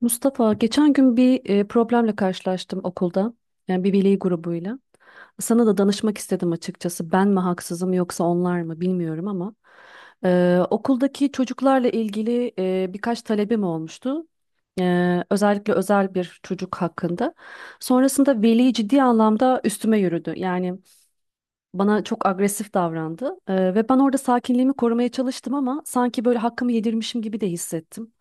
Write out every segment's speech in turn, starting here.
Mustafa, geçen gün bir problemle karşılaştım okulda. Yani bir veli grubuyla. Sana da danışmak istedim açıkçası. Ben mi haksızım yoksa onlar mı bilmiyorum ama okuldaki çocuklarla ilgili birkaç talebim olmuştu. Özellikle özel bir çocuk hakkında. Sonrasında veli ciddi anlamda üstüme yürüdü. Yani bana çok agresif davrandı. Ve ben orada sakinliğimi korumaya çalıştım ama sanki böyle hakkımı yedirmişim gibi de hissettim.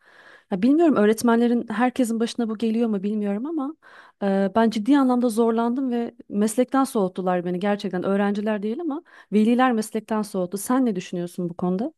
Ya bilmiyorum öğretmenlerin herkesin başına bu geliyor mu bilmiyorum ama ben ciddi anlamda zorlandım ve meslekten soğuttular beni, gerçekten öğrenciler değil ama veliler meslekten soğuttu. Sen ne düşünüyorsun bu konuda?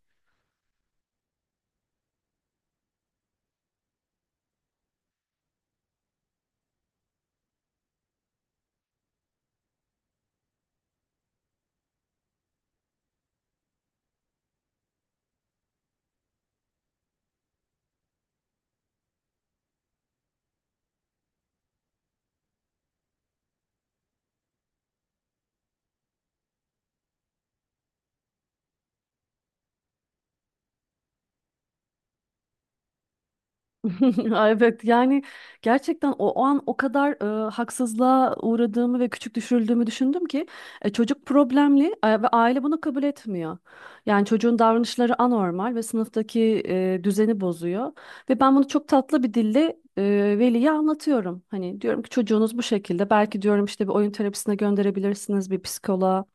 Ay, evet yani gerçekten o an o kadar haksızlığa uğradığımı ve küçük düşürüldüğümü düşündüm ki çocuk problemli ve aile bunu kabul etmiyor. Yani çocuğun davranışları anormal ve sınıftaki düzeni bozuyor ve ben bunu çok tatlı bir dille veliye anlatıyorum. Hani diyorum ki çocuğunuz bu şekilde, belki diyorum işte bir oyun terapisine gönderebilirsiniz, bir psikoloğa.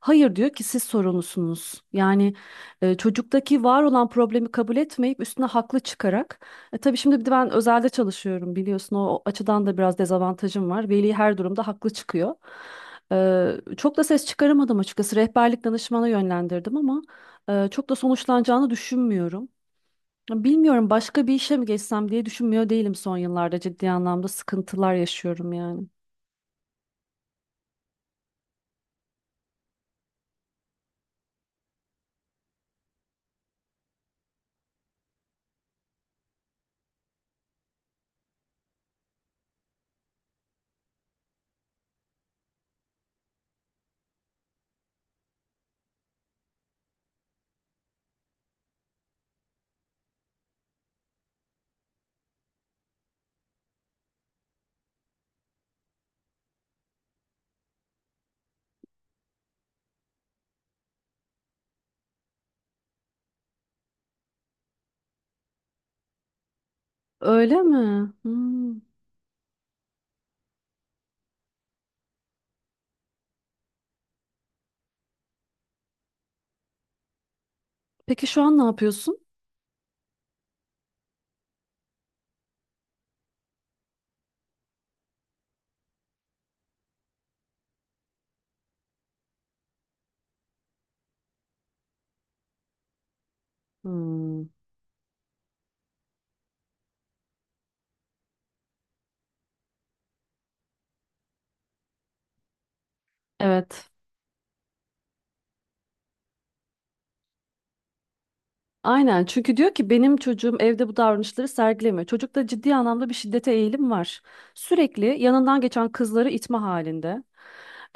Hayır diyor ki siz sorumlusunuz. Yani çocuktaki var olan problemi kabul etmeyip üstüne haklı çıkarak tabii şimdi bir de ben özelde çalışıyorum biliyorsun. O açıdan da biraz dezavantajım var. Veli her durumda haklı çıkıyor. Çok da ses çıkaramadım açıkçası. Rehberlik danışmana yönlendirdim ama çok da sonuçlanacağını düşünmüyorum. Ya bilmiyorum, başka bir işe mi geçsem diye düşünmüyor değilim son yıllarda. Ciddi anlamda sıkıntılar yaşıyorum yani. Öyle mi? Hmm. Peki şu an ne yapıyorsun? Hmm. Evet. Aynen, çünkü diyor ki benim çocuğum evde bu davranışları sergilemiyor. Çocukta ciddi anlamda bir şiddete eğilim var. Sürekli yanından geçen kızları itme halinde.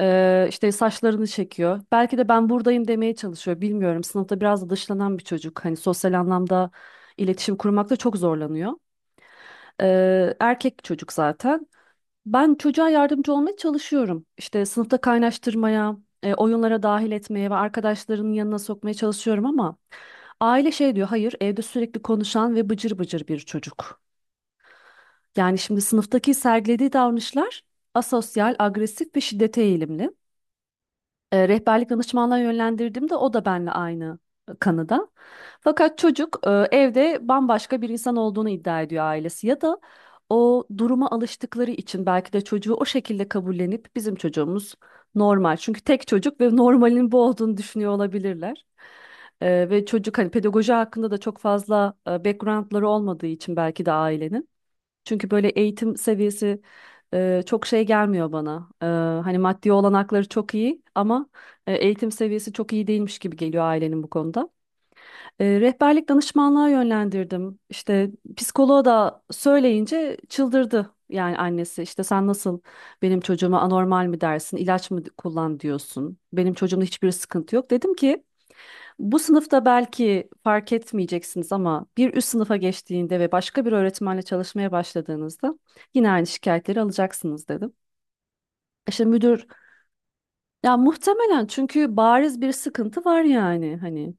İşte saçlarını çekiyor. Belki de ben buradayım demeye çalışıyor. Bilmiyorum. Sınıfta biraz da dışlanan bir çocuk. Hani sosyal anlamda iletişim kurmakta çok zorlanıyor. Erkek çocuk zaten. Ben çocuğa yardımcı olmaya çalışıyorum. İşte sınıfta kaynaştırmaya, oyunlara dahil etmeye ve arkadaşlarının yanına sokmaya çalışıyorum ama aile şey diyor, hayır evde sürekli konuşan ve bıcır bıcır bir çocuk. Yani şimdi sınıftaki sergilediği davranışlar asosyal, agresif ve şiddete eğilimli. Rehberlik danışmanlığa yönlendirdim de o da benimle aynı kanıda. Fakat çocuk evde bambaşka bir insan olduğunu iddia ediyor ailesi, ya da o duruma alıştıkları için belki de çocuğu o şekilde kabullenip bizim çocuğumuz normal. Çünkü tek çocuk ve normalin bu olduğunu düşünüyor olabilirler. Ve çocuk, hani pedagoji hakkında da çok fazla backgroundları olmadığı için belki de ailenin. Çünkü böyle eğitim seviyesi çok şey gelmiyor bana. Hani maddi olanakları çok iyi ama eğitim seviyesi çok iyi değilmiş gibi geliyor ailenin bu konuda. Rehberlik danışmanlığa yönlendirdim. İşte psikoloğa da söyleyince çıldırdı. Yani annesi işte sen nasıl benim çocuğuma anormal mi dersin, ilaç mı kullan diyorsun. Benim çocuğumda hiçbir sıkıntı yok. Dedim ki bu sınıfta belki fark etmeyeceksiniz ama bir üst sınıfa geçtiğinde ve başka bir öğretmenle çalışmaya başladığınızda yine aynı şikayetleri alacaksınız dedim. İşte müdür, ya muhtemelen, çünkü bariz bir sıkıntı var yani hani.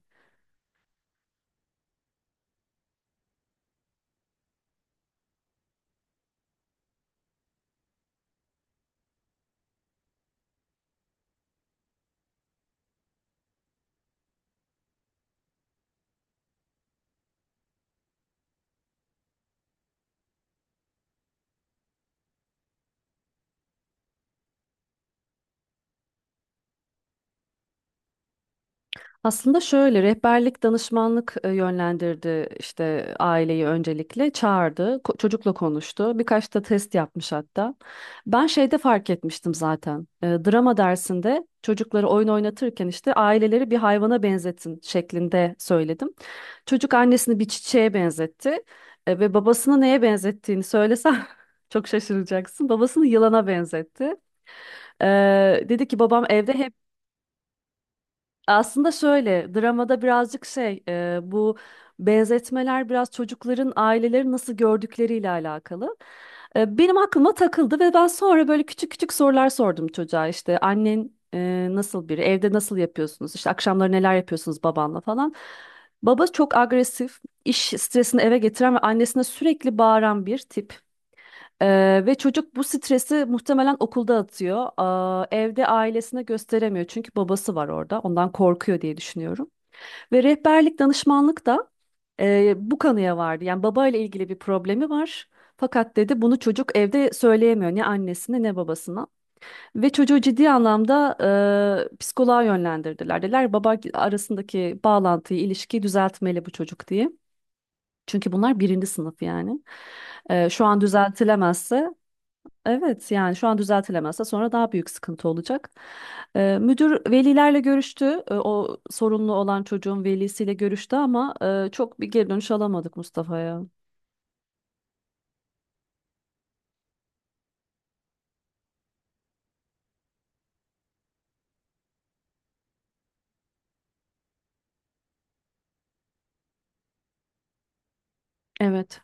Aslında şöyle, rehberlik danışmanlık yönlendirdi, işte aileyi öncelikle çağırdı, çocukla konuştu, birkaç da test yapmış hatta. Ben şeyde fark etmiştim zaten. Drama dersinde çocukları oyun oynatırken işte aileleri bir hayvana benzetin şeklinde söyledim, çocuk annesini bir çiçeğe benzetti. Ve babasını neye benzettiğini söylesem çok şaşıracaksın, babasını yılana benzetti. E, Dedi ki babam evde hep, aslında şöyle, dramada birazcık şey, bu benzetmeler biraz çocukların aileleri nasıl gördükleriyle alakalı. Benim aklıma takıldı ve ben sonra böyle küçük küçük sorular sordum çocuğa, işte annen nasıl biri, evde nasıl yapıyorsunuz, işte akşamları neler yapıyorsunuz babanla falan. Baba çok agresif, iş stresini eve getiren ve annesine sürekli bağıran bir tip. Ve çocuk bu stresi muhtemelen okulda atıyor. Aa, evde ailesine gösteremiyor çünkü babası var orada. Ondan korkuyor diye düşünüyorum. Ve rehberlik danışmanlık da bu kanıya vardı. Yani babayla ilgili bir problemi var. Fakat dedi bunu çocuk evde söyleyemiyor, ne annesine ne babasına. Ve çocuğu ciddi anlamda psikoloğa yönlendirdiler. Dediler baba arasındaki bağlantıyı, ilişkiyi düzeltmeli bu çocuk diye. Çünkü bunlar birinci sınıf yani. Şu an düzeltilemezse, evet yani şu an düzeltilemezse sonra daha büyük sıkıntı olacak. Müdür velilerle görüştü. O sorunlu olan çocuğun velisiyle görüştü ama çok bir geri dönüş alamadık Mustafa'ya. Evet.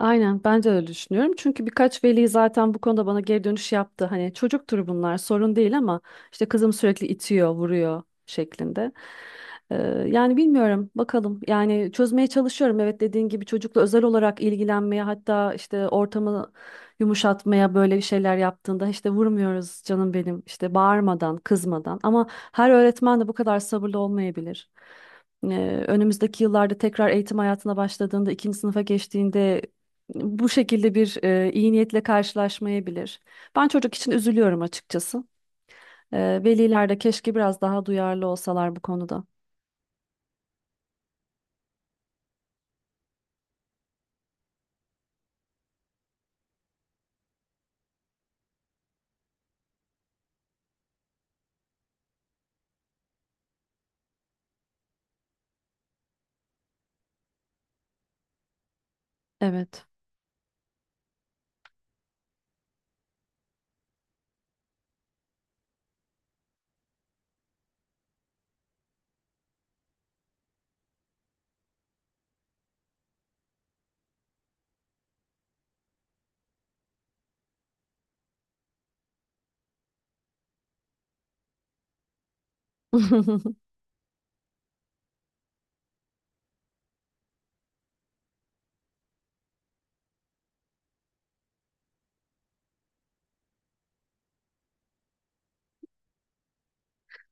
Aynen, ben de öyle düşünüyorum. Çünkü birkaç veli zaten bu konuda bana geri dönüş yaptı. Hani çocuktur bunlar, sorun değil ama işte kızım sürekli itiyor, vuruyor şeklinde. Ee, Yani bilmiyorum bakalım. Yani çözmeye çalışıyorum. Evet, dediğin gibi çocukla özel olarak ilgilenmeye, hatta işte ortamı yumuşatmaya, böyle bir şeyler yaptığında işte vurmuyoruz canım benim, işte bağırmadan, kızmadan. Ama her öğretmen de bu kadar sabırlı olmayabilir. Önümüzdeki yıllarda tekrar eğitim hayatına başladığında, ikinci sınıfa geçtiğinde bu şekilde bir iyi niyetle karşılaşmayabilir. Ben çocuk için üzülüyorum açıkçası. Veliler de keşke biraz daha duyarlı olsalar bu konuda. Evet.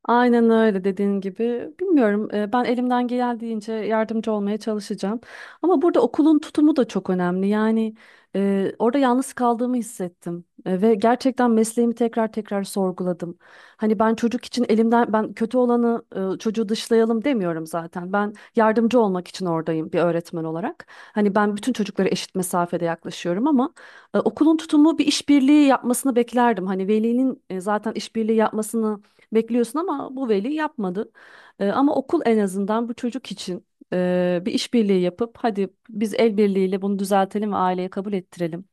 Aynen öyle, dediğin gibi. Bilmiyorum, ben elimden geldiğince yardımcı olmaya çalışacağım. Ama burada okulun tutumu da çok önemli. Yani orada yalnız kaldığımı hissettim. Ve gerçekten mesleğimi tekrar tekrar sorguladım. Hani ben çocuk için elimden, ben kötü olanı, çocuğu dışlayalım demiyorum zaten. Ben yardımcı olmak için oradayım bir öğretmen olarak. Hani ben bütün çocuklara eşit mesafede yaklaşıyorum ama okulun tutumu bir işbirliği yapmasını beklerdim. Hani velinin zaten işbirliği yapmasını bekliyorsun ama bu veli yapmadı. Ama okul en azından bu çocuk için bir işbirliği yapıp hadi biz el birliğiyle bunu düzeltelim ve aileye kabul ettirelim.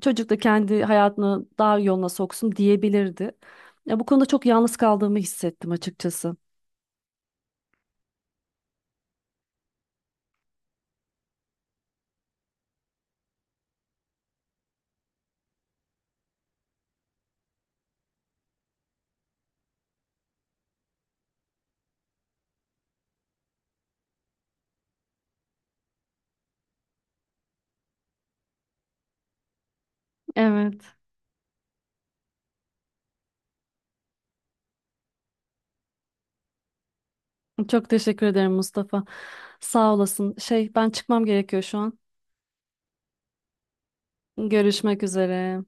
Çocuk da kendi hayatını daha yoluna soksun diyebilirdi. Ya, bu konuda çok yalnız kaldığımı hissettim açıkçası. Evet. Çok teşekkür ederim Mustafa. Sağ olasın. Şey, ben çıkmam gerekiyor şu an. Görüşmek üzere.